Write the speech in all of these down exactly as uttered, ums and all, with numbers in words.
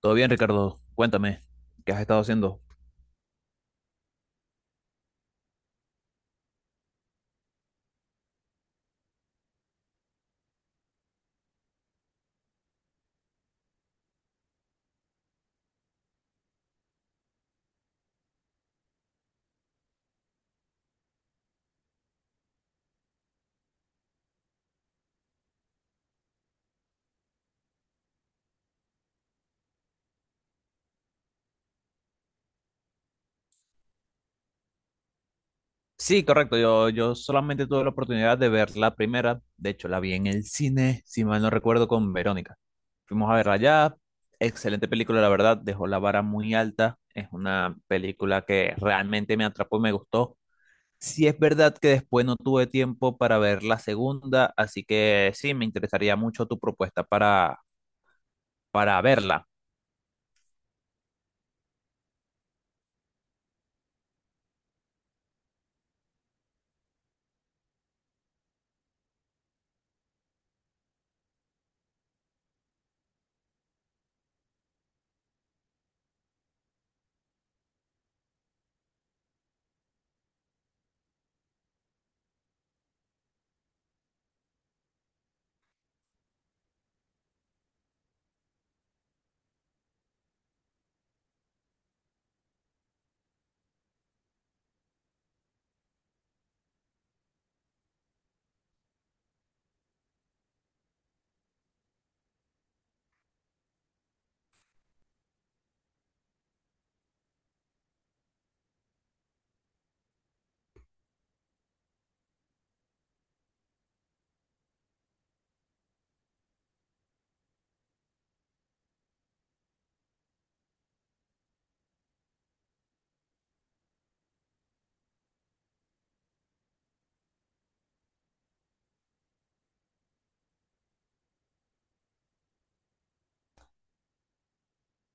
Todo bien, Ricardo. Cuéntame, ¿qué has estado haciendo? Sí, correcto. Yo, yo solamente tuve la oportunidad de ver la primera. De hecho, la vi en el cine, si mal no recuerdo, con Verónica. Fuimos a verla allá. Excelente película, la verdad. Dejó la vara muy alta. Es una película que realmente me atrapó y me gustó. Sí es verdad que después no tuve tiempo para ver la segunda, así que sí, me interesaría mucho tu propuesta para, para verla.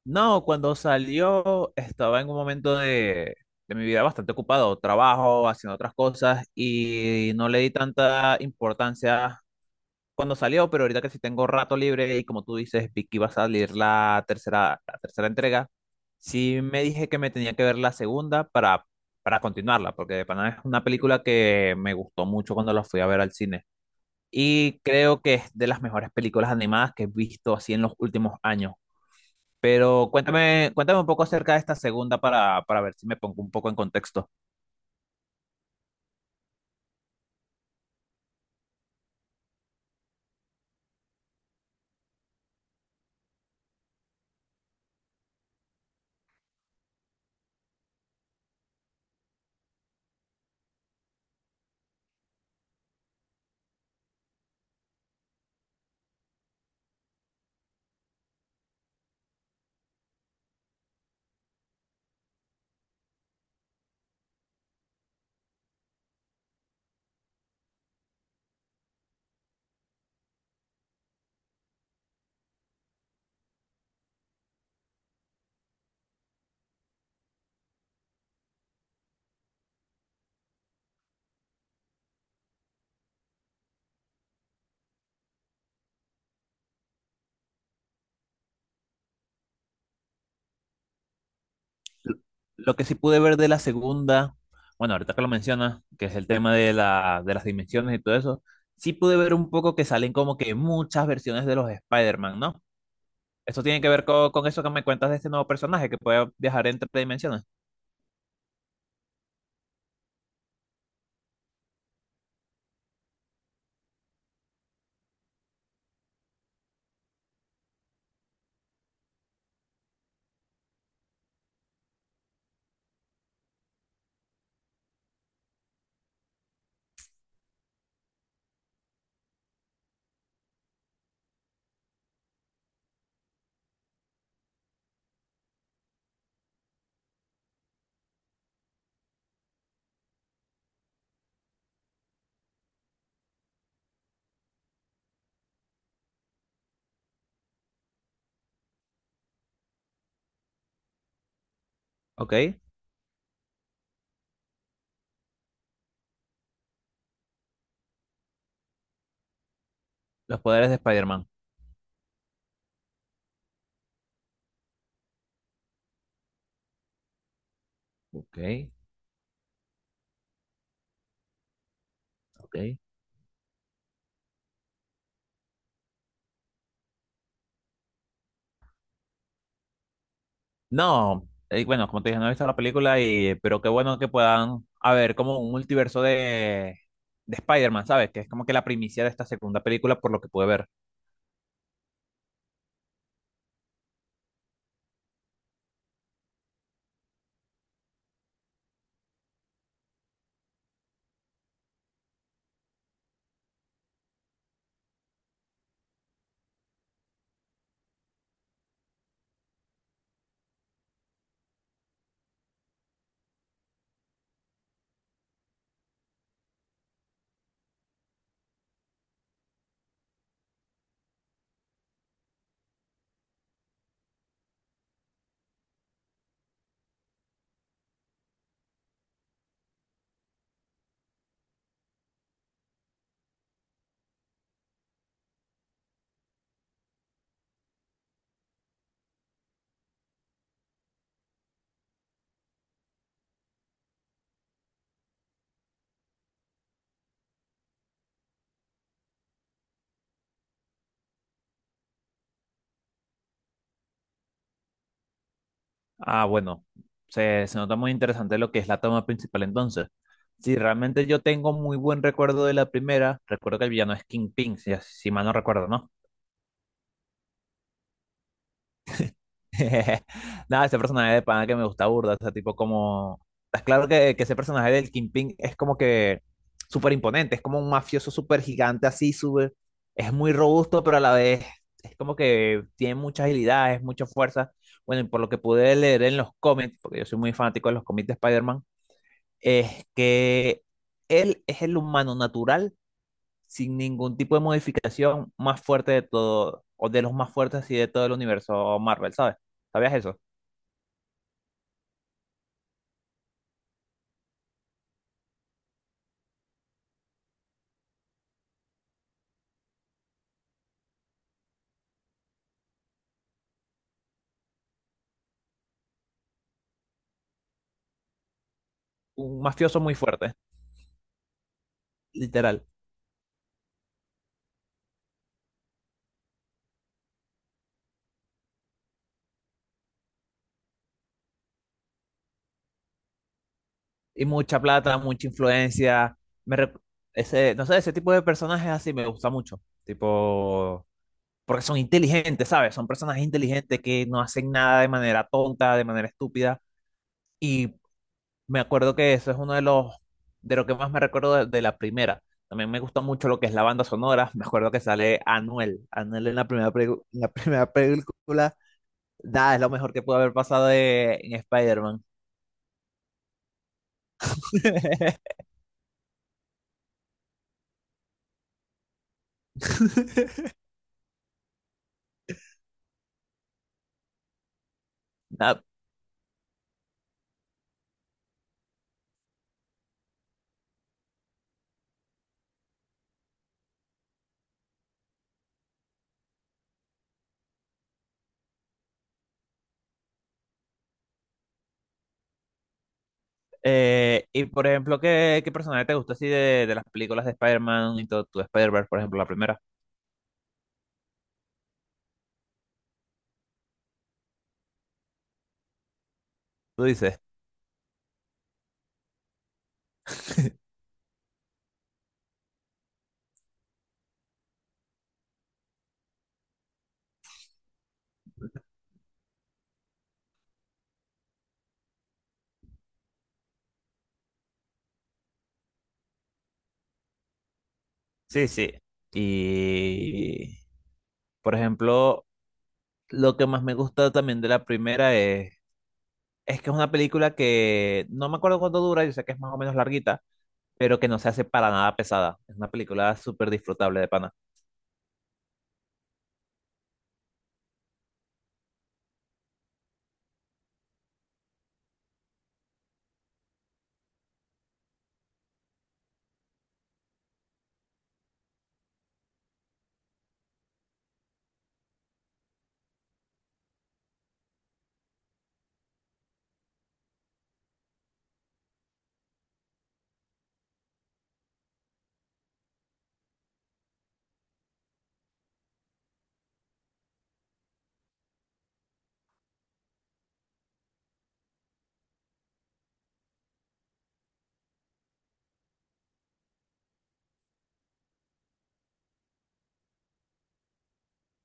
No, cuando salió estaba en un momento de, de mi vida bastante ocupado, trabajo, haciendo otras cosas y no le di tanta importancia cuando salió, pero ahorita que sí tengo rato libre y como tú dices, Vicky va a salir la tercera, la tercera entrega, sí me dije que me tenía que ver la segunda para, para continuarla, porque de pana es una película que me gustó mucho cuando la fui a ver al cine y creo que es de las mejores películas animadas que he visto así en los últimos años. Pero cuéntame, cuéntame un poco acerca de esta segunda para, para ver si me pongo un poco en contexto. Lo que sí pude ver de la segunda, bueno, ahorita que lo mencionas, que es el tema de la, de las dimensiones y todo eso, sí pude ver un poco que salen como que muchas versiones de los Spider-Man, ¿no? Esto tiene que ver co- con, eso que me cuentas de este nuevo personaje que puede viajar entre dimensiones. Ok, los poderes de Spider-Man. Ok, ok. No, eh, bueno, como te dije, no he visto la película y, pero qué bueno que puedan haber como un multiverso de, de Spider-Man, ¿sabes? Que es como que la primicia de esta segunda película por lo que pude ver. Ah, bueno, se, se nota muy interesante lo que es la toma principal entonces. Sí, realmente yo tengo muy buen recuerdo de la primera. Recuerdo que el villano es Kingpin, si, si mal no recuerdo, ¿no? Nada, ese personaje de pana que me gusta burda, o sea, tipo como... Estás claro que, que ese personaje del Kingpin es como que súper imponente, es como un mafioso súper gigante así, súper... Es muy robusto, pero a la vez es como que tiene mucha agilidad, es mucha fuerza. Bueno, y por lo que pude leer en los cómics, porque yo soy muy fanático de los cómics de Spider-Man, es que él es el humano natural, sin ningún tipo de modificación, más fuerte de todo, o de los más fuertes así de todo el universo Marvel, ¿sabes? ¿Sabías eso? Un mafioso muy fuerte, literal. Y mucha plata, mucha influencia. Me re- Ese, no sé, ese tipo de personajes así me gusta mucho. Tipo, porque son inteligentes, ¿sabes? Son personajes inteligentes que no hacen nada de manera tonta, de manera estúpida. Y me acuerdo que eso es uno de los, de lo que más me recuerdo de, de la primera. También me gusta mucho lo que es la banda sonora. Me acuerdo que sale Anuel. Anuel en la primera, pregu- en la primera película. Nada, es lo mejor que puede haber pasado de- en Spider-Man. Nada, eh, y por ejemplo, ¿qué, qué personaje te gusta así de, de las películas de Spider-Man y todo tu Spider-Verse, por ejemplo, la primera? Tú dices. Sí, sí. Y por ejemplo, lo que más me gusta también de la primera es, es que es una película que no me acuerdo cuánto dura, yo sé que es más o menos larguita, pero que no se hace para nada pesada. Es una película súper disfrutable de pana.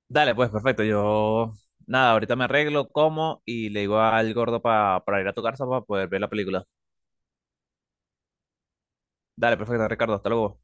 Dale, pues perfecto. Yo, nada, ahorita me arreglo, como y le digo al gordo pa- para ir a tu casa para poder ver la película. Dale, perfecto, Ricardo, hasta luego.